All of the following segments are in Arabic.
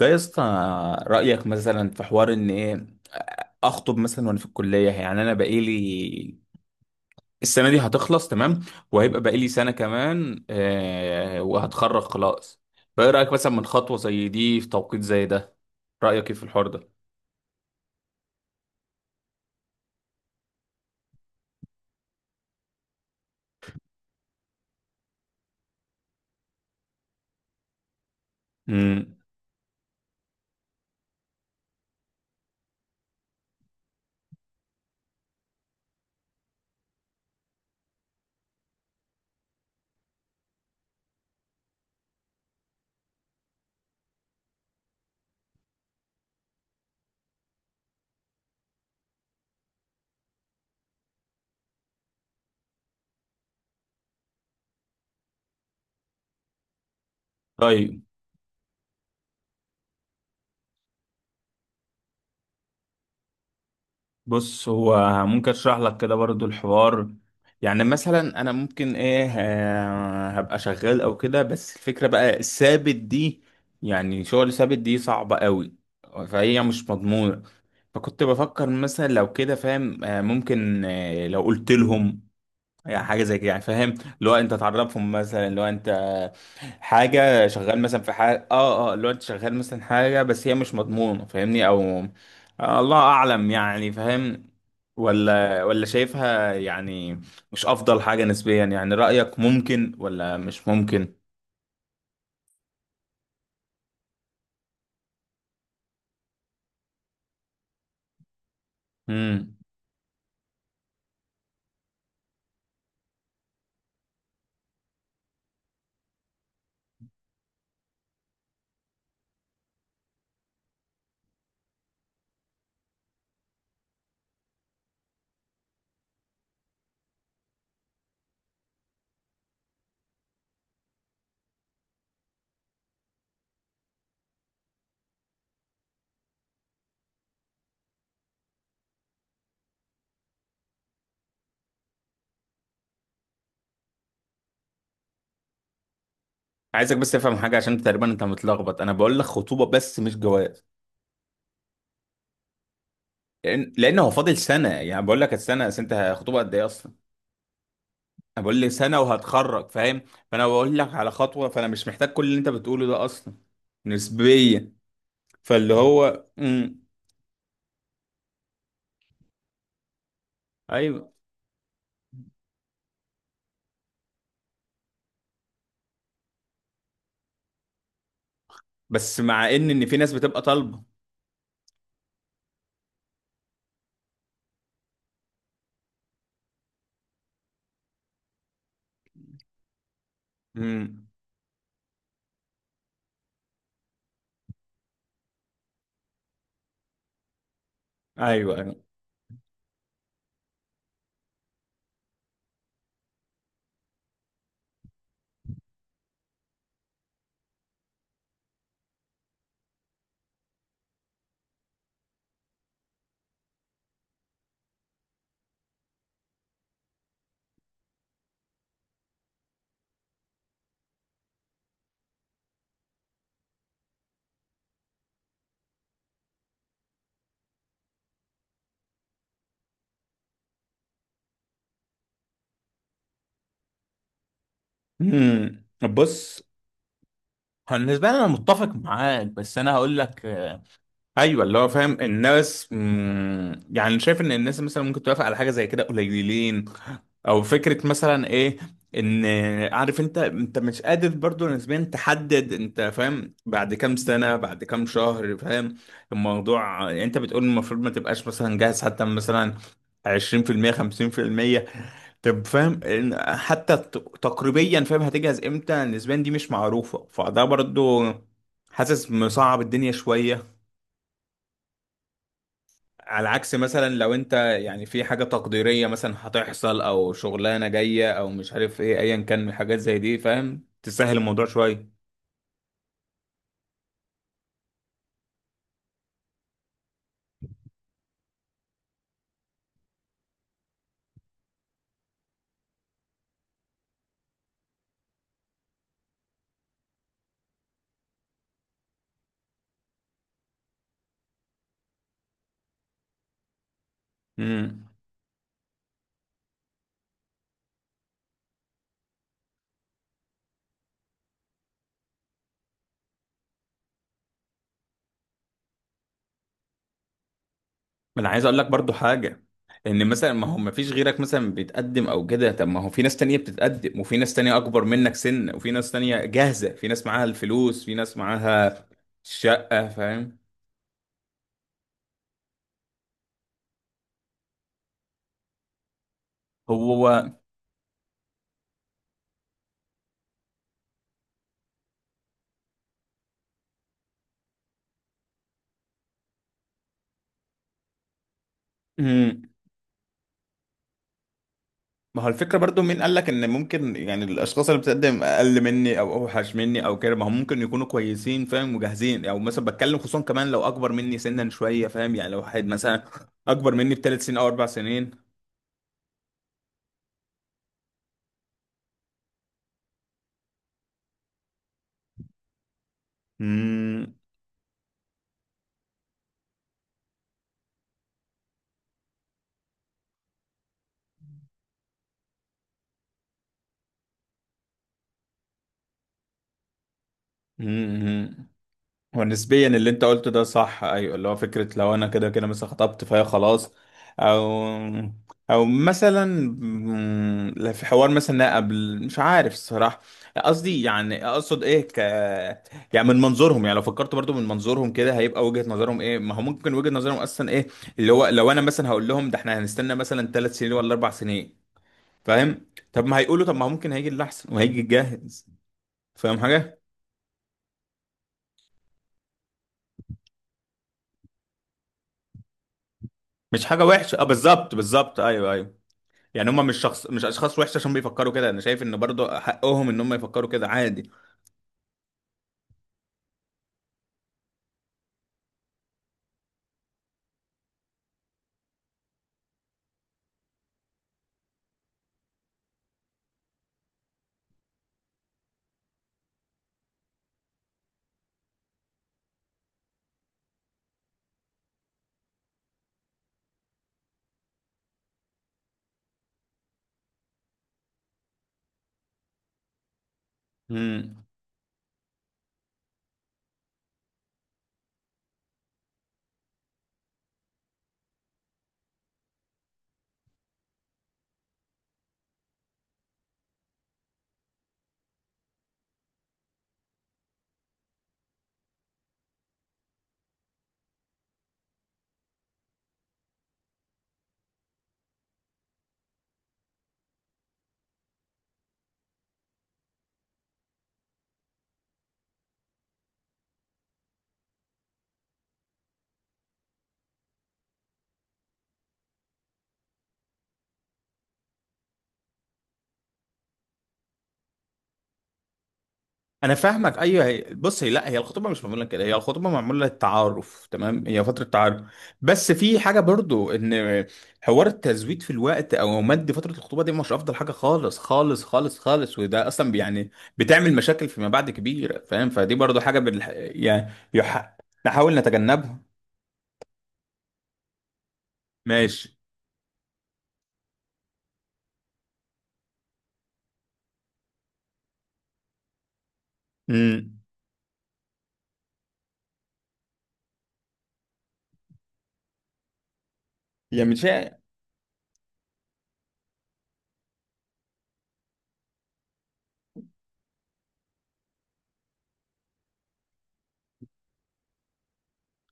ده يا اسطى، رأيك مثلا في حوار ان ايه، اخطب مثلا وانا في الكلية؟ يعني انا بقالي السنة دي هتخلص، تمام، وهيبقى بقالي سنة كمان وهتخرج خلاص. فايه رأيك مثلا من خطوة زي دي في توقيت زي ده؟ رأيك ايه في الحوار ده؟ امم طيب، بص هو ممكن اشرح لك كده برضو الحوار. يعني مثلا انا ممكن ايه هبقى شغال او كده، بس الفكرة بقى الثابت دي، يعني شغل ثابت دي صعبة قوي، فهي مش مضمونة. فكنت بفكر مثلا لو كده فاهم، ممكن لو قلت لهم يعني حاجه زي كده، يعني فاهم، اللي هو انت تعرفهم مثلا، اللي هو انت حاجه شغال مثلا في حاجه اللي هو انت شغال مثلا حاجه، بس هي مش مضمونه، فاهمني او... آه، الله اعلم يعني، فاهم، ولا شايفها يعني مش افضل حاجه نسبيا، يعني رايك ممكن ولا مش ممكن؟ امم عايزك بس تفهم حاجه، عشان تقريبا انت متلخبط، انا بقول لك خطوبه بس مش جواز، لان هو فاضل سنه، يعني بقول لك السنه بس، انت خطوبه قد ايه اصلا؟ انا بقول لي سنه وهتخرج فاهم، فانا بقول لك على خطوه، فانا مش محتاج كل اللي انت بتقوله ده اصلا، نسبيا. فاللي هو ايوه، بس مع ان في ناس بتبقى طالبه. امم. ايوه، ايوه. امم. بص هو بالنسبه لي انا متفق معاك، بس انا هقول لك ايوه، اللي هو فاهم الناس، يعني شايف ان الناس مثلا ممكن توافق على حاجه زي كده قليلين، او فكره مثلا ايه، ان عارف انت مش قادر برضو نسبيا تحدد انت فاهم بعد كام سنه، بعد كام شهر فاهم الموضوع. يعني انت بتقول المفروض ما تبقاش مثلا جاهز حتى مثلا 20% 50%، طب فاهم إن حتى تقريبيا فاهم هتجهز امتى نسبيا، دي مش معروفه، فده برضو حاسس مصعب الدنيا شويه، على عكس مثلا لو انت يعني في حاجة تقديرية مثلا هتحصل او شغلانة جاية او مش عارف ايه، ايا كان من الحاجات زي دي فاهم تسهل الموضوع شوية. امم. انا عايز اقول لك برضو حاجة، ان مثلا ما هو ما فيش غيرك مثلا بيتقدم او كده، طب ما هو في ناس تانية بتتقدم، وفي ناس تانية اكبر منك سن، وفي ناس تانية جاهزة، في ناس معاها الفلوس، في ناس معاها الشقة فاهم. هو ما هو الفكرة برضو، مين قال لك ان ممكن يعني الاشخاص اللي بتقدم اقل مني او اوحش مني او كده، ما هم ممكن يكونوا كويسين فاهم وجاهزين، او مثلا بتكلم خصوصا كمان لو اكبر مني سنا شوية فاهم، يعني لو واحد مثلا اكبر مني ب3 سنين او 4 سنين. امم هو نسبيا اللي انت قلته ده صح، ايوه اللي هو فكره لو انا كده كده مثلا خطبت فهي خلاص، او او مثلا لا، في حوار مثلا قبل مش عارف الصراحه، قصدي يعني اقصد ايه يعني من منظورهم، يعني لو فكرت برضو من منظورهم كده هيبقى وجهه نظرهم ايه؟ ما هو ممكن وجهه نظرهم اصلا ايه، اللي هو لو انا مثلا هقول لهم ده احنا هنستنى مثلا 3 سنين ولا 4 سنين فاهم، طب ما هيقولوا طب ما هو ممكن هيجي اللي احسن وهيجي الجاهز فاهم حاجه. مش حاجه وحشه، اه، بالظبط بالظبط، ايوه ايوه، يعني هم مش شخص، مش اشخاص وحشه عشان بيفكروا كده، انا شايف ان برضو حقهم ان هم يفكروا كده، عادي. امم انا فاهمك، ايوه. هي بص، هي لا، هي الخطوبه مش معموله كده، هي الخطوبه معموله للتعارف، تمام، هي فتره تعارف، بس في حاجه برضو، ان حوار التزويد في الوقت او مد فتره الخطوبه دي مش افضل حاجه، خالص خالص خالص خالص، وده اصلا يعني بتعمل مشاكل فيما بعد كبيره فاهم، فدي برضو حاجه يعني نحاول نتجنبها. ماشي. امم. يعني مش،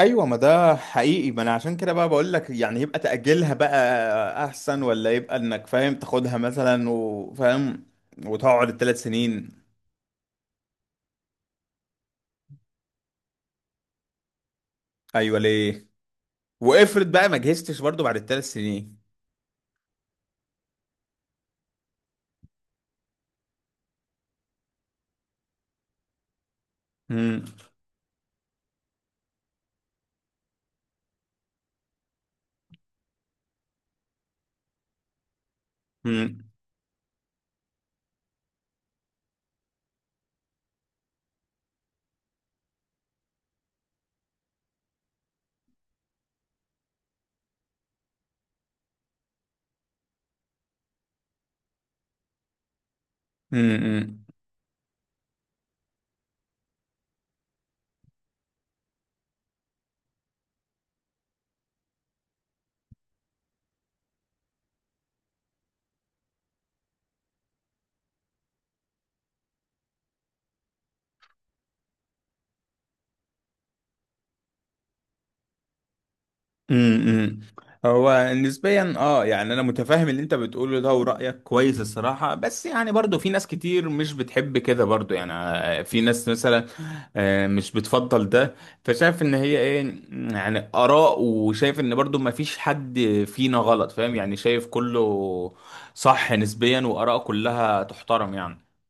ايوه، ما ده حقيقي، ما انا عشان كده بقى بقول لك، يعني يبقى تأجلها بقى احسن، ولا يبقى انك فاهم تاخدها مثلا وفاهم وتقعد الثلاث سنين؟ ايوه، ليه؟ وافرض بقى ما جهزتش برضو بعد الثلاث سنين؟ امم. امم. امم، امم. امم. امم. هو نسبيا يعني انا متفاهم اللي انت بتقوله ده ورايك كويس الصراحه، بس يعني برضو في ناس كتير مش بتحب كده برضو، يعني في ناس مثلا مش بتفضل ده، فشايف ان هي ايه يعني اراء، وشايف ان برضو ما فيش حد فينا غلط فاهم، يعني شايف كله صح نسبيا، واراء كلها تحترم يعني